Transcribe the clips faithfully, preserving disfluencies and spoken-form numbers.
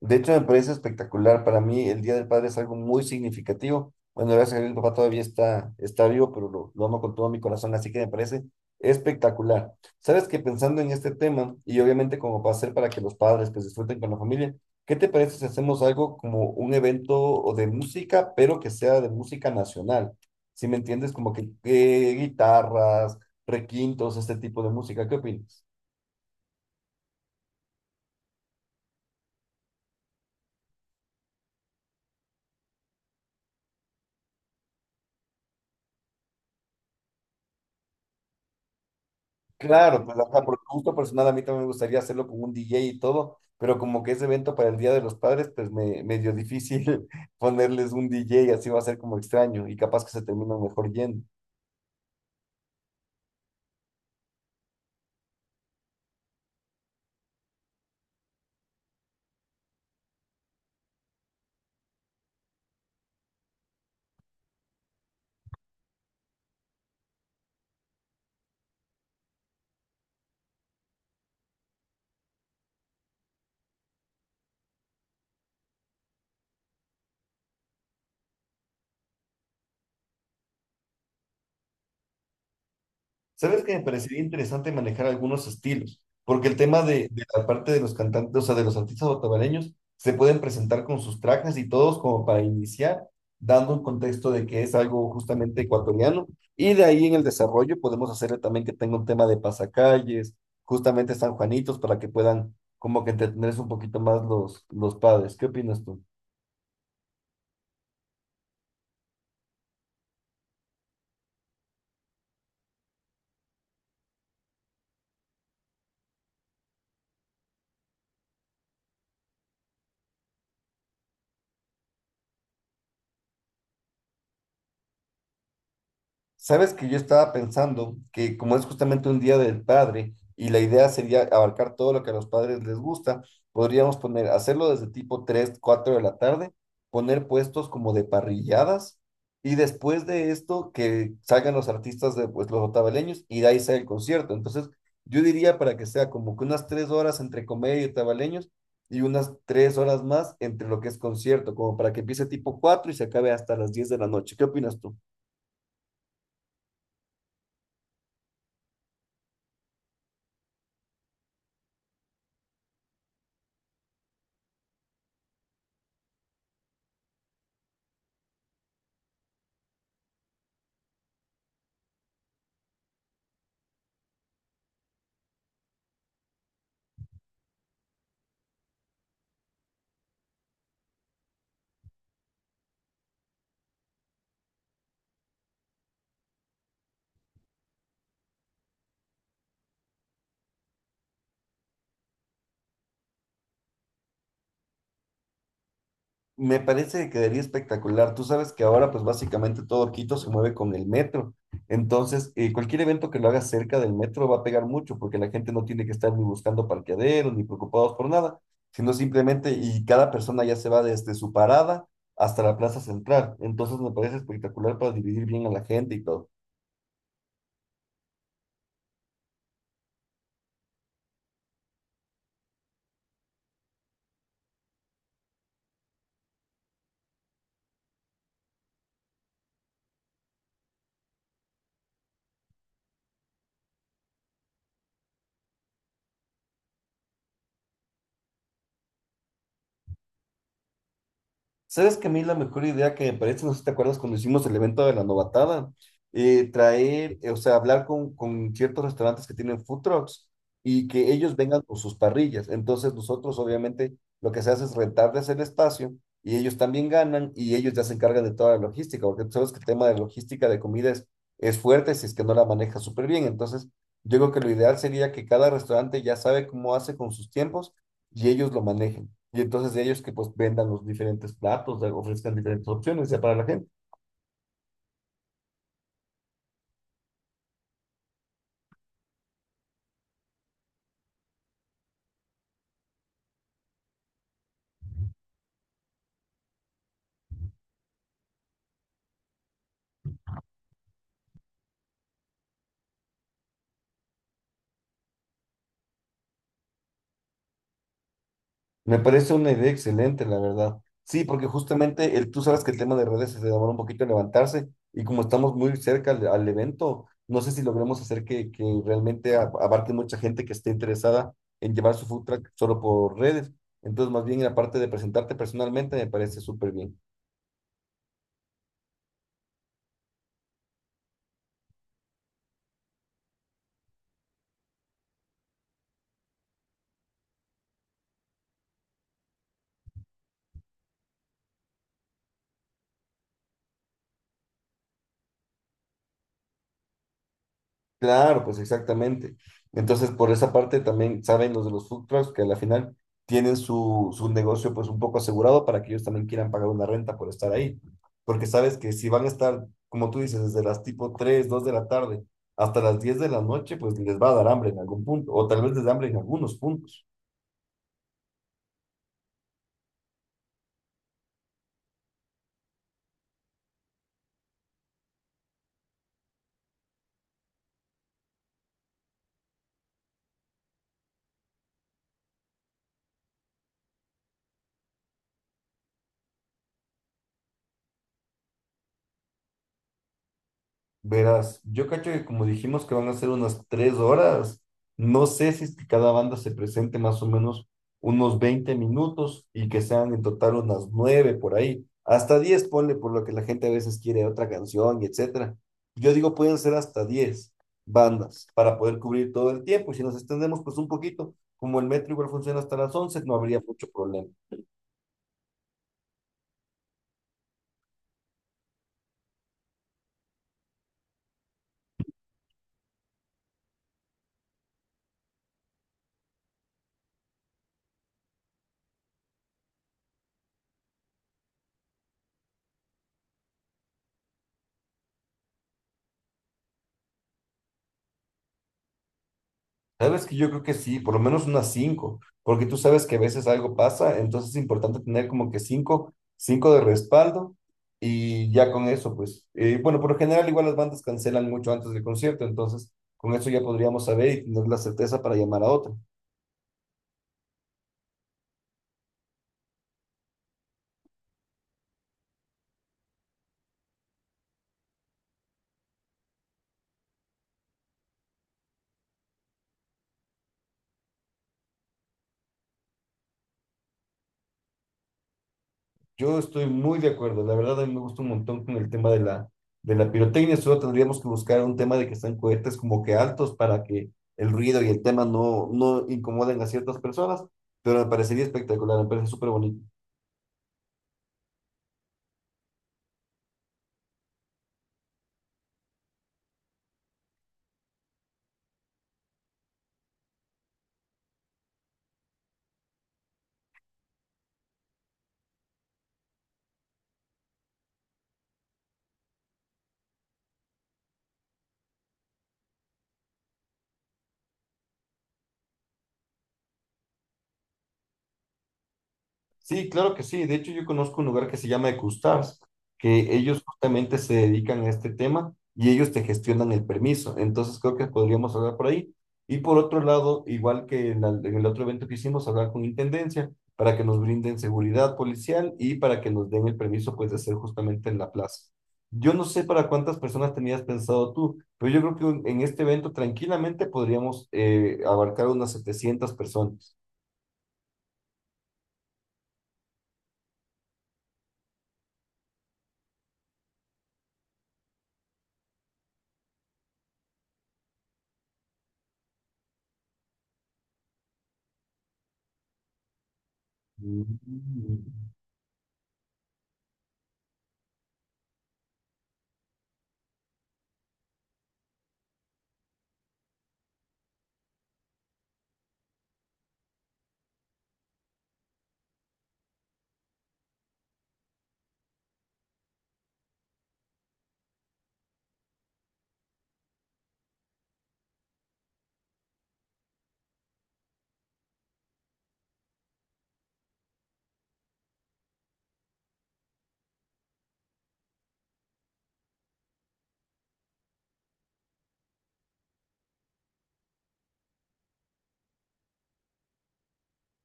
De hecho, me parece espectacular. Para mí, el Día del Padre es algo muy significativo. Bueno, gracias a Dios, mi papá todavía está, está vivo, pero lo, lo amo con todo mi corazón, así que me parece espectacular. Sabes que pensando en este tema, y obviamente como para hacer para que los padres pues disfruten con la familia, ¿qué te parece si hacemos algo como un evento de música, pero que sea de música nacional? Si me entiendes, como que, que guitarras, requintos, este tipo de música, ¿qué opinas? Claro, pues, o sea, por gusto personal a mí también me gustaría hacerlo con un D J y todo, pero como que ese evento para el Día de los Padres, pues me, me dio difícil ponerles un D J, así va a ser como extraño y capaz que se termina mejor yendo. Sabes que me parecería interesante manejar algunos estilos, porque el tema de, de la parte de los cantantes, o sea, de los artistas otavareños, se pueden presentar con sus trajes y todos como para iniciar, dando un contexto de que es algo justamente ecuatoriano, y de ahí en el desarrollo podemos hacerle también que tenga un tema de pasacalles, justamente San Juanitos, para que puedan como que entretenerse un poquito más los, los padres. ¿Qué opinas tú? Sabes que yo estaba pensando que como es justamente un día del padre y la idea sería abarcar todo lo que a los padres les gusta, podríamos poner, hacerlo desde tipo tres cuatro de la tarde, poner puestos como de parrilladas y después de esto que salgan los artistas de pues, los otavaleños y de ahí sale el concierto. Entonces yo diría para que sea como que unas tres horas entre comedia y otavaleños y unas tres horas más entre lo que es concierto, como para que empiece tipo cuatro y se acabe hasta las diez de la noche. ¿Qué opinas tú? Me parece que quedaría espectacular. Tú sabes que ahora pues básicamente todo Quito se mueve con el metro. Entonces, eh, cualquier evento que lo hagas cerca del metro va a pegar mucho porque la gente no tiene que estar ni buscando parqueaderos ni preocupados por nada, sino simplemente y cada persona ya se va desde su parada hasta la plaza central. Entonces, me parece espectacular para dividir bien a la gente y todo. ¿Sabes que a mí la mejor idea que me parece, no sé si te acuerdas cuando hicimos el evento de la novatada, eh, traer, eh, o sea, hablar con, con ciertos restaurantes que tienen food trucks y que ellos vengan con sus parrillas? Entonces nosotros obviamente lo que se hace es rentarles el espacio y ellos también ganan y ellos ya se encargan de toda la logística, porque tú sabes que el tema de logística de comida es, es fuerte si es que no la maneja súper bien. Entonces yo creo que lo ideal sería que cada restaurante ya sabe cómo hace con sus tiempos y ellos lo manejen. Y entonces ellos que pues vendan los diferentes platos, eh, ofrezcan diferentes opciones ya para la gente. Me parece una idea excelente, la verdad. Sí, porque justamente el, tú sabes que el tema de redes se demora un poquito en levantarse y como estamos muy cerca al, al evento, no sé si logremos hacer que, que realmente a- abarque mucha gente que esté interesada en llevar su food truck solo por redes. Entonces, más bien la parte de presentarte personalmente me parece súper bien. Claro, pues exactamente. Entonces, por esa parte también saben los de los food trucks que a la final tienen su, su negocio pues un poco asegurado para que ellos también quieran pagar una renta por estar ahí. Porque sabes que si van a estar, como tú dices, desde las tipo tres dos de la tarde hasta las diez de la noche, pues les va a dar hambre en algún punto, o tal vez les da hambre en algunos puntos. Verás, yo cacho que como dijimos que van a ser unas tres horas, no sé si es que cada banda se presente más o menos unos veinte minutos y que sean en total unas nueve por ahí, hasta diez ponle por lo que la gente a veces quiere otra canción y etcétera. Yo digo pueden ser hasta diez bandas para poder cubrir todo el tiempo y si nos extendemos pues un poquito, como el metro igual funciona hasta las once no habría mucho problema. Sabes que yo creo que sí, por lo menos unas cinco, porque tú sabes que a veces algo pasa, entonces es importante tener como que cinco, cinco de respaldo y ya con eso, pues, eh, bueno, por lo general igual las bandas cancelan mucho antes del concierto, entonces con eso ya podríamos saber y tener la certeza para llamar a otra. Yo estoy muy de acuerdo, la verdad a mí me gusta un montón con el tema de la, de la pirotecnia, solo tendríamos que buscar un tema de que están cohetes como que altos para que el ruido y el tema no, no incomoden a ciertas personas, pero me parecería espectacular, me parece súper bonito. Sí, claro que sí. De hecho, yo conozco un lugar que se llama Ecustars, que ellos justamente se dedican a este tema y ellos te gestionan el permiso. Entonces, creo que podríamos hablar por ahí. Y por otro lado, igual que en, la- en el otro evento que hicimos, hablar con Intendencia para que nos brinden seguridad policial y para que nos den el permiso, pues, de hacer justamente en la plaza. Yo no sé para cuántas personas tenías pensado tú, pero yo creo que un- en este evento tranquilamente podríamos eh, abarcar unas setecientas personas. Mm.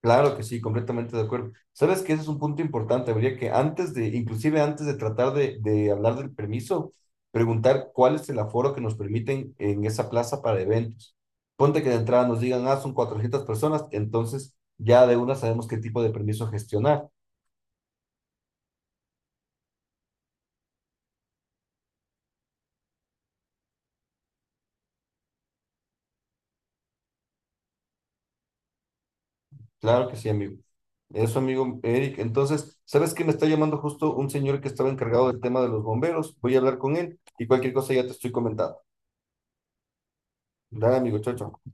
Claro que sí, completamente de acuerdo. Sabes que ese es un punto importante. Habría que antes de, inclusive antes de tratar de, de hablar del permiso, preguntar cuál es el aforo que nos permiten en esa plaza para eventos. Ponte que de entrada nos digan, ah, son cuatrocientas personas, entonces ya de una sabemos qué tipo de permiso gestionar. Claro que sí, amigo. Eso, amigo Eric. Entonces, ¿sabes que me está llamando justo un señor que estaba encargado del tema de los bomberos? Voy a hablar con él y cualquier cosa ya te estoy comentando. Dale, amigo, chao, chao.